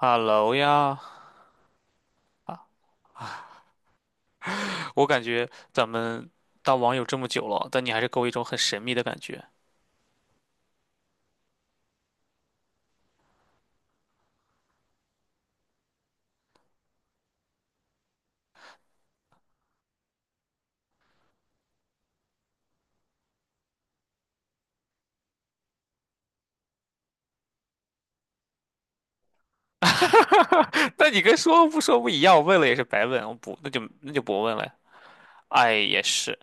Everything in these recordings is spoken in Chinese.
Hello 呀，啊，我感觉咱们当网友这么久了，但你还是给我一种很神秘的感觉。那你跟说不说不一样，我问了也是白问，我不，那就不问了。哎，也是，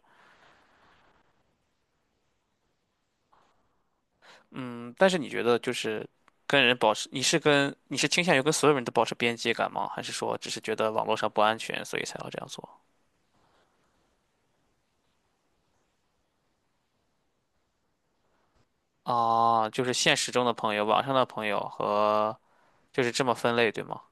嗯，但是你觉得就是跟人保持，你是倾向于跟所有人都保持边界感吗？还是说只是觉得网络上不安全，所以才要这样做？啊，就是现实中的朋友，网上的朋友和就是这么分类，对吗？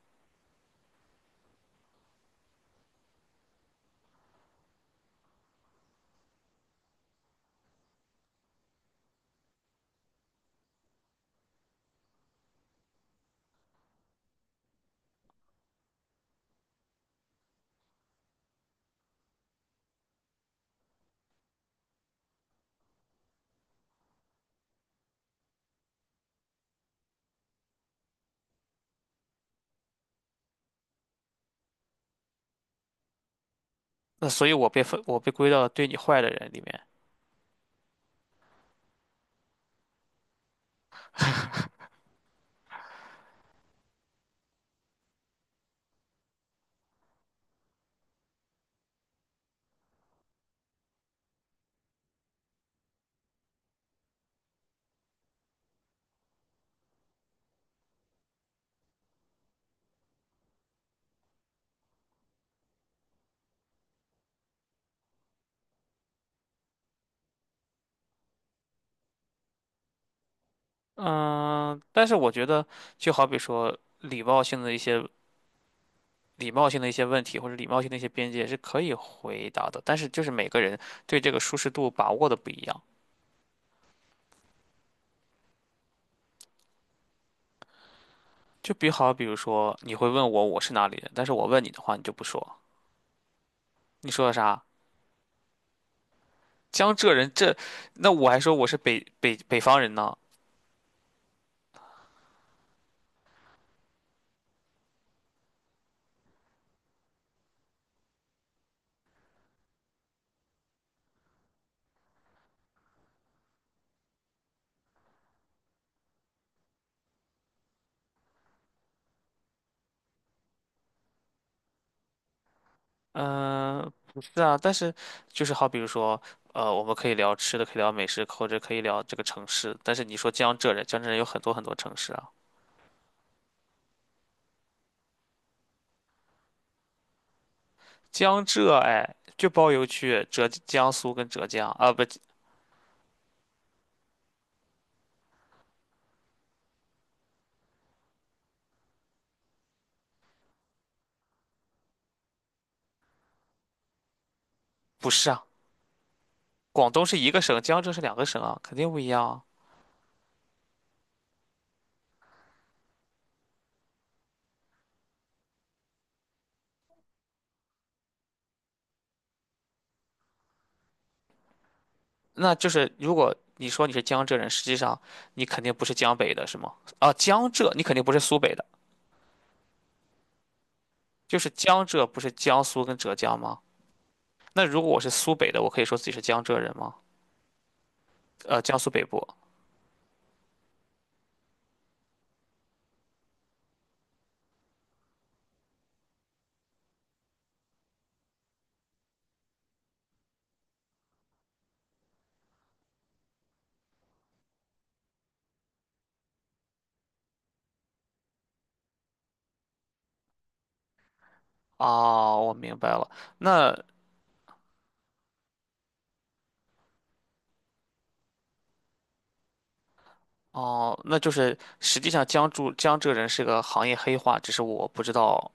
那所以我被归到对你坏的人里面。嗯，但是我觉得，就好比说礼貌性的一些问题，或者礼貌性的一些边界是可以回答的，但是就是每个人对这个舒适度把握的不一样。就比好，比如说你会问我是哪里人，但是我问你的话，你就不说，你说的啥？江浙人这，那我还说我是北方人呢。嗯、不是啊，但是比如说。我们可以聊吃的，可以聊美食，或者可以聊这个城市。但是你说江浙人，江浙人有很多很多城市啊。江浙哎，就包邮去浙江苏跟浙江啊，不是啊，广东是一个省，江浙是两个省啊，肯定不一样啊。那就是如果你说你是江浙人，实际上你肯定不是江北的，是吗？啊，江浙你肯定不是苏北的，就是江浙不是江苏跟浙江吗？那如果我是苏北的，我可以说自己是江浙人吗？江苏北部。哦，我明白了。那哦，那就是实际上江浙人是个行业黑话，只是我不知道。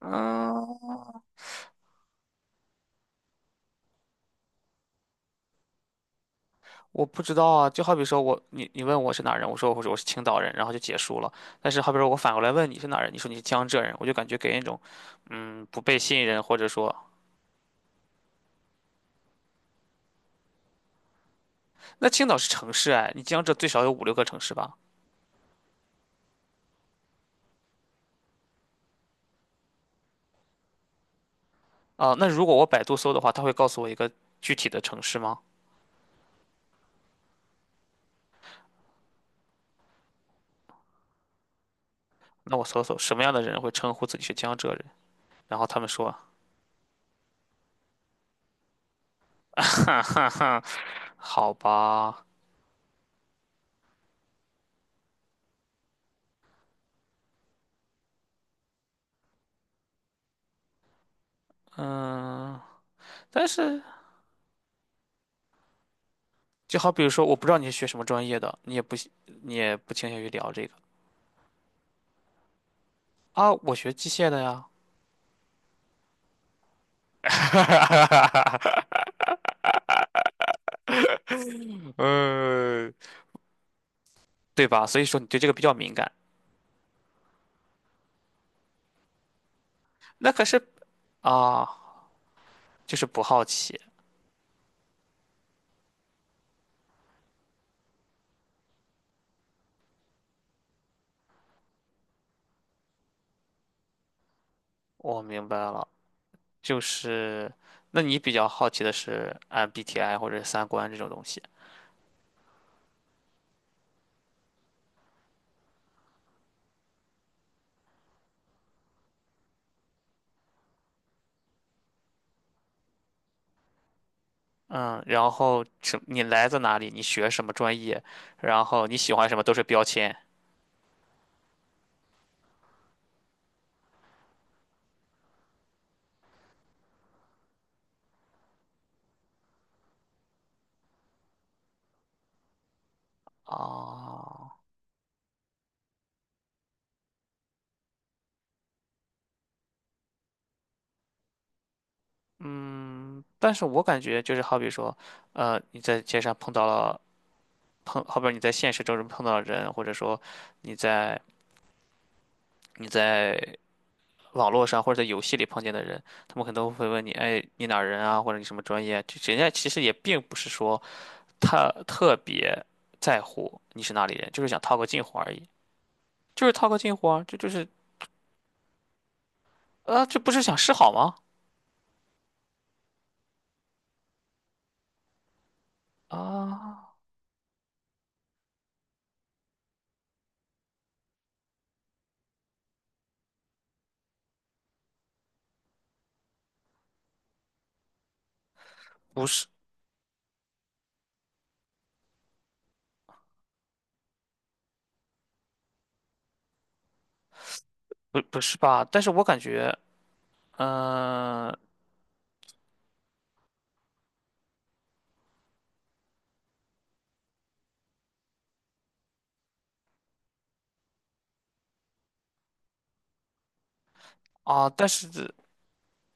嗯，我不知道啊，就好比说我，你问我是哪人，我说我是青岛人，然后就结束了。但是好比说我反过来问你是哪人，你说你是江浙人，我就感觉给人一种，嗯，不被信任，或者说，那青岛是城市哎，你江浙最少有五六个城市吧？啊，那如果我百度搜的话，它会告诉我一个具体的城市吗？那我搜搜什么样的人会称呼自己是江浙人，然后他们说，哈哈哈，好吧，嗯，但是就好比如说，我不知道你是学什么专业的，你也不倾向于聊这个。啊，我学机械的呀，呃，对吧？所以说你对这个比较敏感。那可是啊，就是不好奇。我明白了，就是那你比较好奇的是 MBTI 或者是三观这种东西。嗯，然后你来自哪里？你学什么专业？然后你喜欢什么都是标签啊。嗯，但是我感觉就是好比说，你在街上碰到了碰，好比你在现实中碰到了人，或者说你在你在网络上或者在游戏里碰见的人，他们可能都会问你，哎，你哪儿人啊，或者你什么专业啊？就人家其实也并不是说特别在乎你是哪里人，就是想套个近乎而已，就是套个近乎啊，这就是啊，这不是想示好吗？啊，不是，不是吧？但是我感觉，嗯、啊，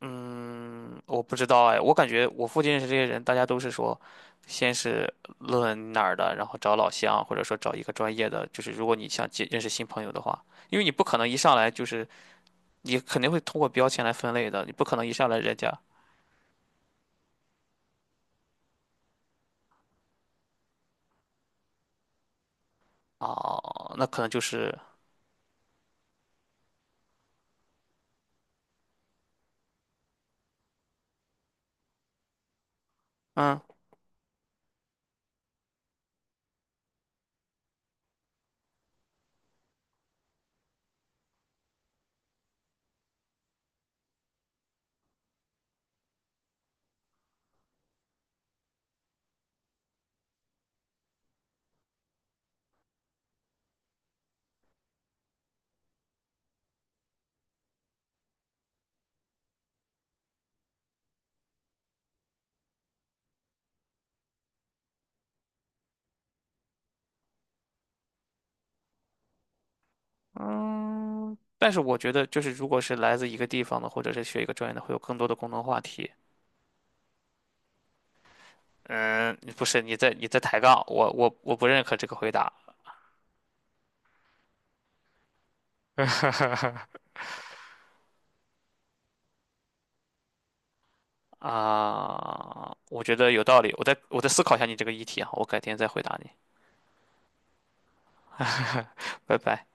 嗯，我不知道哎，我感觉我附近认识这些人，大家都是说，先是论哪儿的，然后找老乡，或者说找一个专业的，就是如果你想认识新朋友的话，因为你不可能一上来就是，你肯定会通过标签来分类的，你不可能一上来人家哦，那可能就是，嗯嗯，但是我觉得就是如果是来自一个地方的，或者是学一个专业的，会有更多的共同话题。嗯，不是，你在抬杠，我不认可这个回答。啊，我觉得有道理，我再思考一下你这个议题啊，我改天再回答你，拜拜。